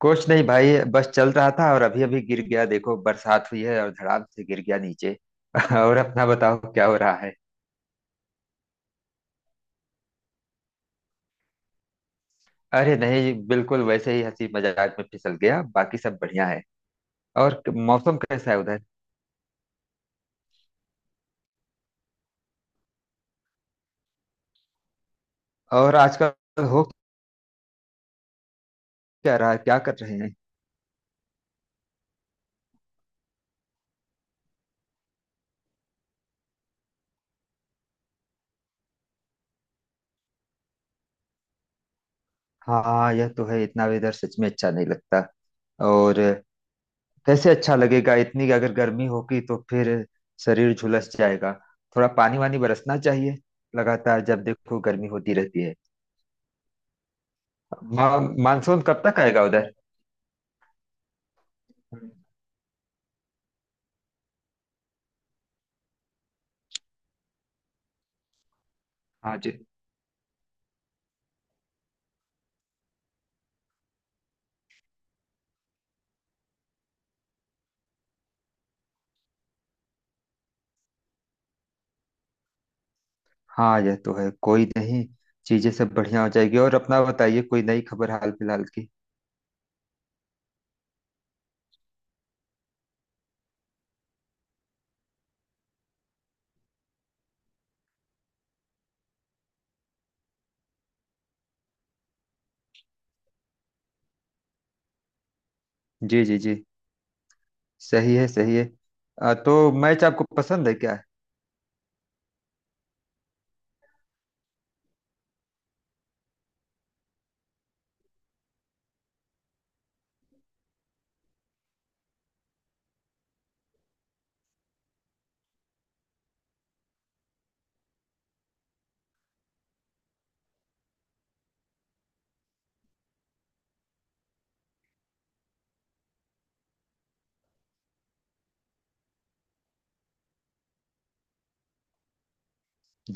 कुछ नहीं भाई। बस चल रहा था और अभी अभी गिर गया। देखो बरसात हुई है और धड़ाम से गिर गया नीचे। और अपना बताओ क्या हो रहा है? अरे नहीं, बिल्कुल वैसे ही हंसी मजाक में फिसल गया। बाकी सब बढ़िया है। और मौसम कैसा है उधर? और आजकल हो क्या रहा है, क्या कर रहे हैं? हाँ, यह तो है। इतना वेदर सच में अच्छा नहीं लगता। और कैसे अच्छा लगेगा? इतनी अगर गर्मी होगी तो फिर शरीर झुलस जाएगा। थोड़ा पानी वानी बरसना चाहिए। लगातार जब देखो गर्मी होती रहती है। मा, मानसून कब तक आएगा उधर? हाँ जी हाँ, यह तो है। कोई नहीं, चीजें सब बढ़िया हो जाएगी। और अपना बताइए कोई नई खबर हाल फिलहाल की? जी जी जी, सही है सही है। तो मैच आपको पसंद है क्या?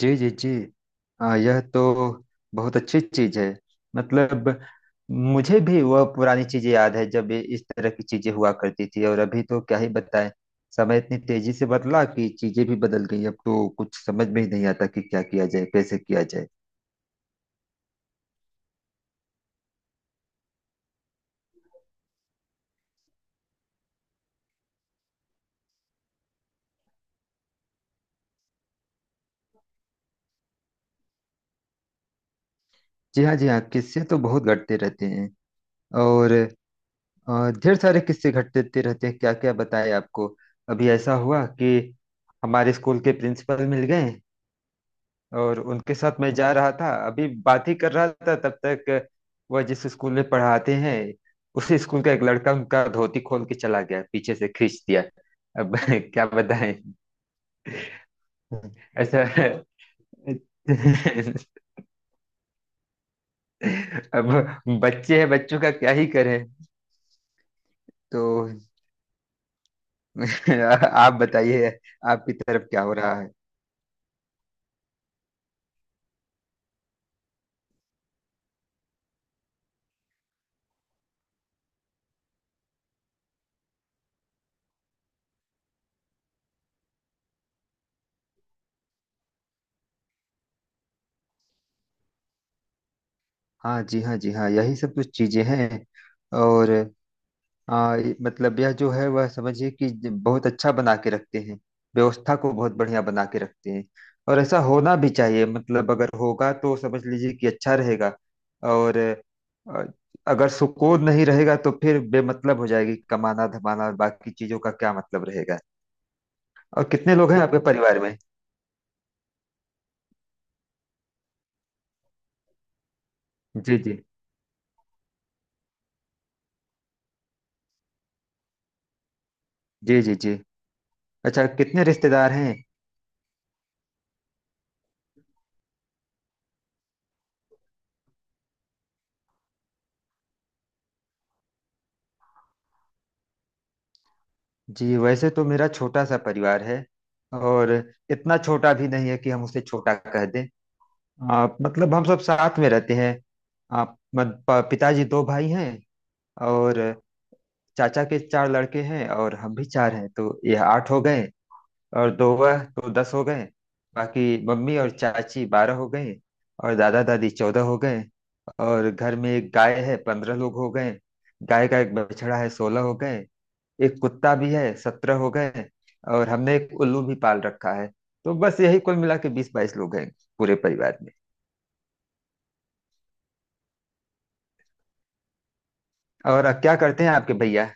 जी जी जी। यह तो बहुत अच्छी चीज है। मतलब मुझे भी वह पुरानी चीजें याद है जब ये इस तरह की चीजें हुआ करती थी। और अभी तो क्या ही बताएं। समय इतनी तेजी से बदला कि चीजें भी बदल गई। अब तो कुछ समझ में ही नहीं आता कि क्या किया जाए, कैसे किया जाए। जी हाँ जी हाँ, किस्से तो बहुत घटते रहते हैं। और ढेर सारे किस्से घटते रहते हैं, क्या क्या बताएं आपको। अभी ऐसा हुआ कि हमारे स्कूल के प्रिंसिपल मिल गए। और उनके साथ मैं जा रहा था, अभी बात ही कर रहा था, तब तक वह जिस स्कूल में पढ़ाते हैं उसी स्कूल का एक लड़का उनका धोती खोल के चला गया, पीछे से खींच दिया। अब क्या बताएं। ऐसा। अब बच्चे हैं, बच्चों का क्या ही करें। तो आप बताइए, आपकी तरफ क्या हो रहा है? हाँ जी हाँ जी हाँ, यही सब कुछ चीजें हैं। और मतलब यह जो है वह समझिए कि बहुत अच्छा बना के रखते हैं। व्यवस्था को बहुत बढ़िया बना के रखते हैं। और ऐसा होना भी चाहिए। मतलब अगर होगा तो समझ लीजिए कि अच्छा रहेगा। और अगर सुकून नहीं रहेगा तो फिर बेमतलब हो जाएगी कमाना धमाना, और बाकी चीजों का क्या मतलब रहेगा। और कितने लोग हैं आपके परिवार में? जी जी जी। जी जी, अच्छा कितने रिश्तेदार हैं? जी वैसे तो मेरा छोटा सा परिवार है। और इतना छोटा भी नहीं है कि हम उसे छोटा कह दें। आप मतलब हम सब साथ में रहते हैं। आप पिताजी दो भाई हैं। और चाचा के चार लड़के हैं और हम भी चार हैं तो यह आठ हो गए। और दो वह तो दस हो गए। बाकी मम्मी और चाची बारह हो गए। और दादा दादी चौदह हो गए। और घर में एक गाय है, पंद्रह लोग हो गए। गाय का एक बछड़ा है, सोलह हो गए। एक कुत्ता भी है, सत्रह हो गए। और हमने एक उल्लू भी पाल रखा है। तो बस यही कुल मिला के बीस बाईस लोग हैं पूरे परिवार में। और अब क्या करते हैं आपके भैया?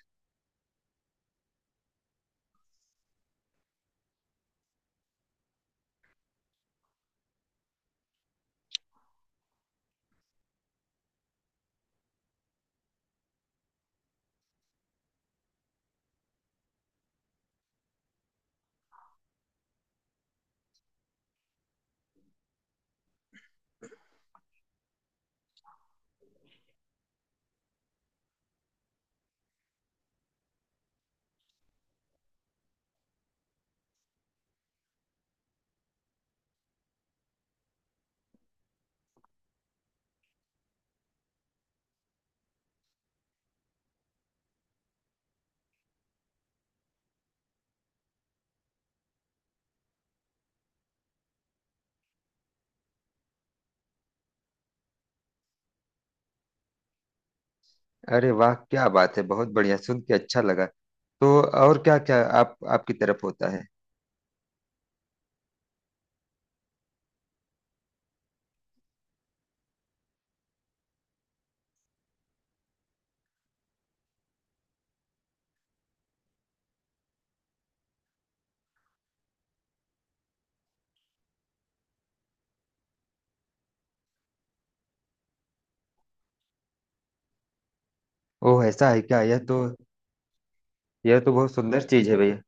अरे वाह, क्या बात है, बहुत बढ़िया, सुन के अच्छा लगा। तो और क्या क्या आप, आपकी तरफ होता है? ओह, ऐसा है क्या? यह तो, यह तो बहुत सुंदर चीज है भैया।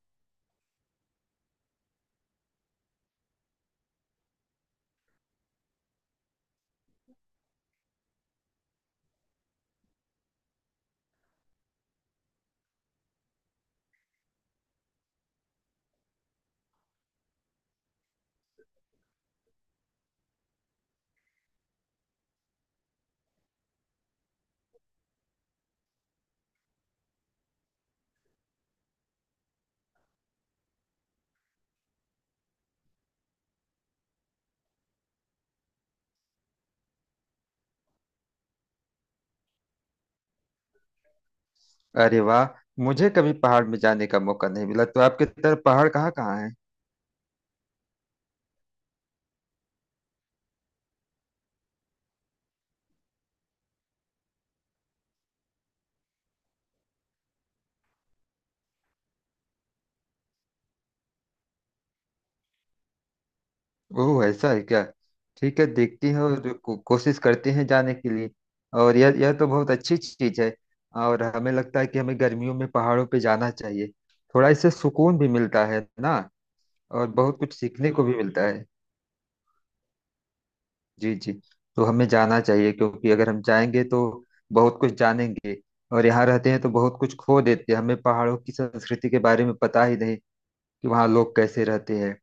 अरे वाह, मुझे कभी पहाड़ में जाने का मौका नहीं मिला। तो आपकी तरफ पहाड़ कहाँ कहाँ है? ओह, ऐसा है क्या? ठीक है, देखते हैं और कोशिश करते हैं जाने के लिए। और यह तो बहुत अच्छी चीज है। और हमें लगता है कि हमें गर्मियों में पहाड़ों पे जाना चाहिए। थोड़ा इससे सुकून भी मिलता है ना। और बहुत कुछ सीखने को भी मिलता है। जी जी। तो हमें जाना चाहिए क्योंकि अगर हम जाएंगे तो बहुत कुछ जानेंगे। और यहाँ रहते हैं तो बहुत कुछ खो देते हैं। हमें पहाड़ों की संस्कृति के बारे में पता ही नहीं कि वहाँ लोग कैसे रहते हैं,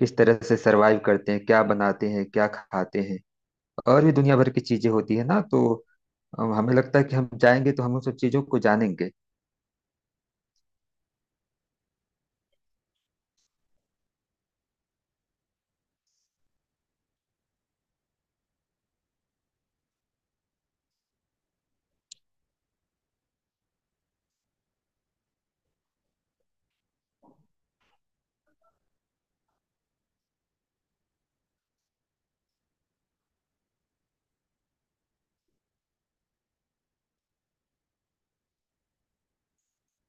किस तरह से सरवाइव करते हैं, क्या बनाते हैं, क्या खाते हैं। और भी दुनिया भर की चीजें होती है ना। तो हमें लगता है कि हम जाएंगे तो हम उन सब चीजों को जानेंगे।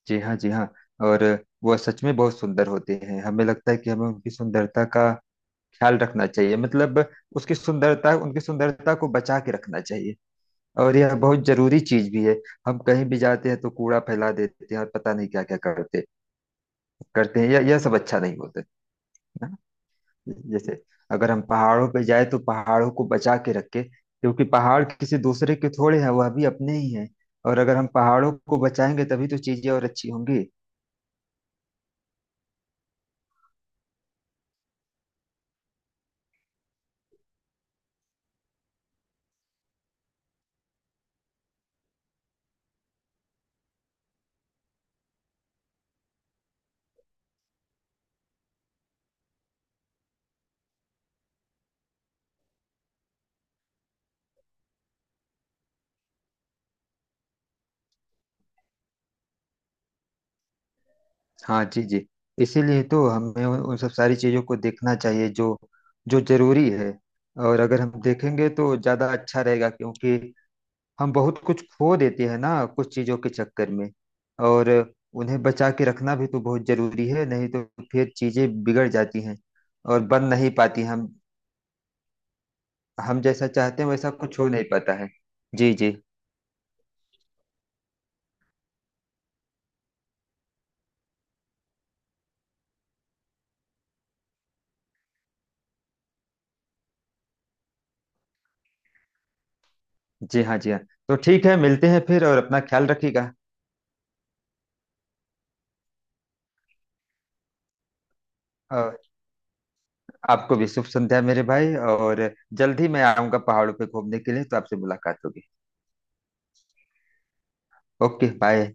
जी हाँ जी हाँ। और वह सच में बहुत सुंदर होते हैं। हमें लगता है कि हमें उनकी सुंदरता का ख्याल रखना चाहिए। मतलब उसकी सुंदरता, उनकी सुंदरता को बचा के रखना चाहिए। और यह बहुत जरूरी चीज भी है। हम कहीं भी जाते हैं तो कूड़ा फैला देते हैं और पता नहीं क्या क्या करते करते हैं, यह सब अच्छा नहीं होता है ना। जैसे अगर हम पहाड़ों पे जाए तो पहाड़ों को बचा के रखे, क्योंकि पहाड़ किसी दूसरे के थोड़े हैं, वह भी अपने ही हैं। और अगर हम पहाड़ों को बचाएंगे तभी तो चीजें और अच्छी होंगी। हाँ जी जी। इसीलिए तो हमें उन उन सब सारी चीजों को देखना चाहिए जो जो जरूरी है। और अगर हम देखेंगे तो ज्यादा अच्छा रहेगा, क्योंकि हम बहुत कुछ खो देते हैं ना कुछ चीजों के चक्कर में। और उन्हें बचा के रखना भी तो बहुत जरूरी है, नहीं तो फिर चीजें बिगड़ जाती हैं। और बन नहीं पाती। हम जैसा चाहते हैं वैसा कुछ हो नहीं पाता है। जी जी जी। हाँ जी हाँ, तो ठीक है मिलते हैं फिर, और अपना ख्याल रखिएगा। और आपको भी शुभ संध्या मेरे भाई। और जल्द ही मैं आऊँगा पहाड़ों पे घूमने के लिए तो आपसे मुलाकात होगी। Okay bye.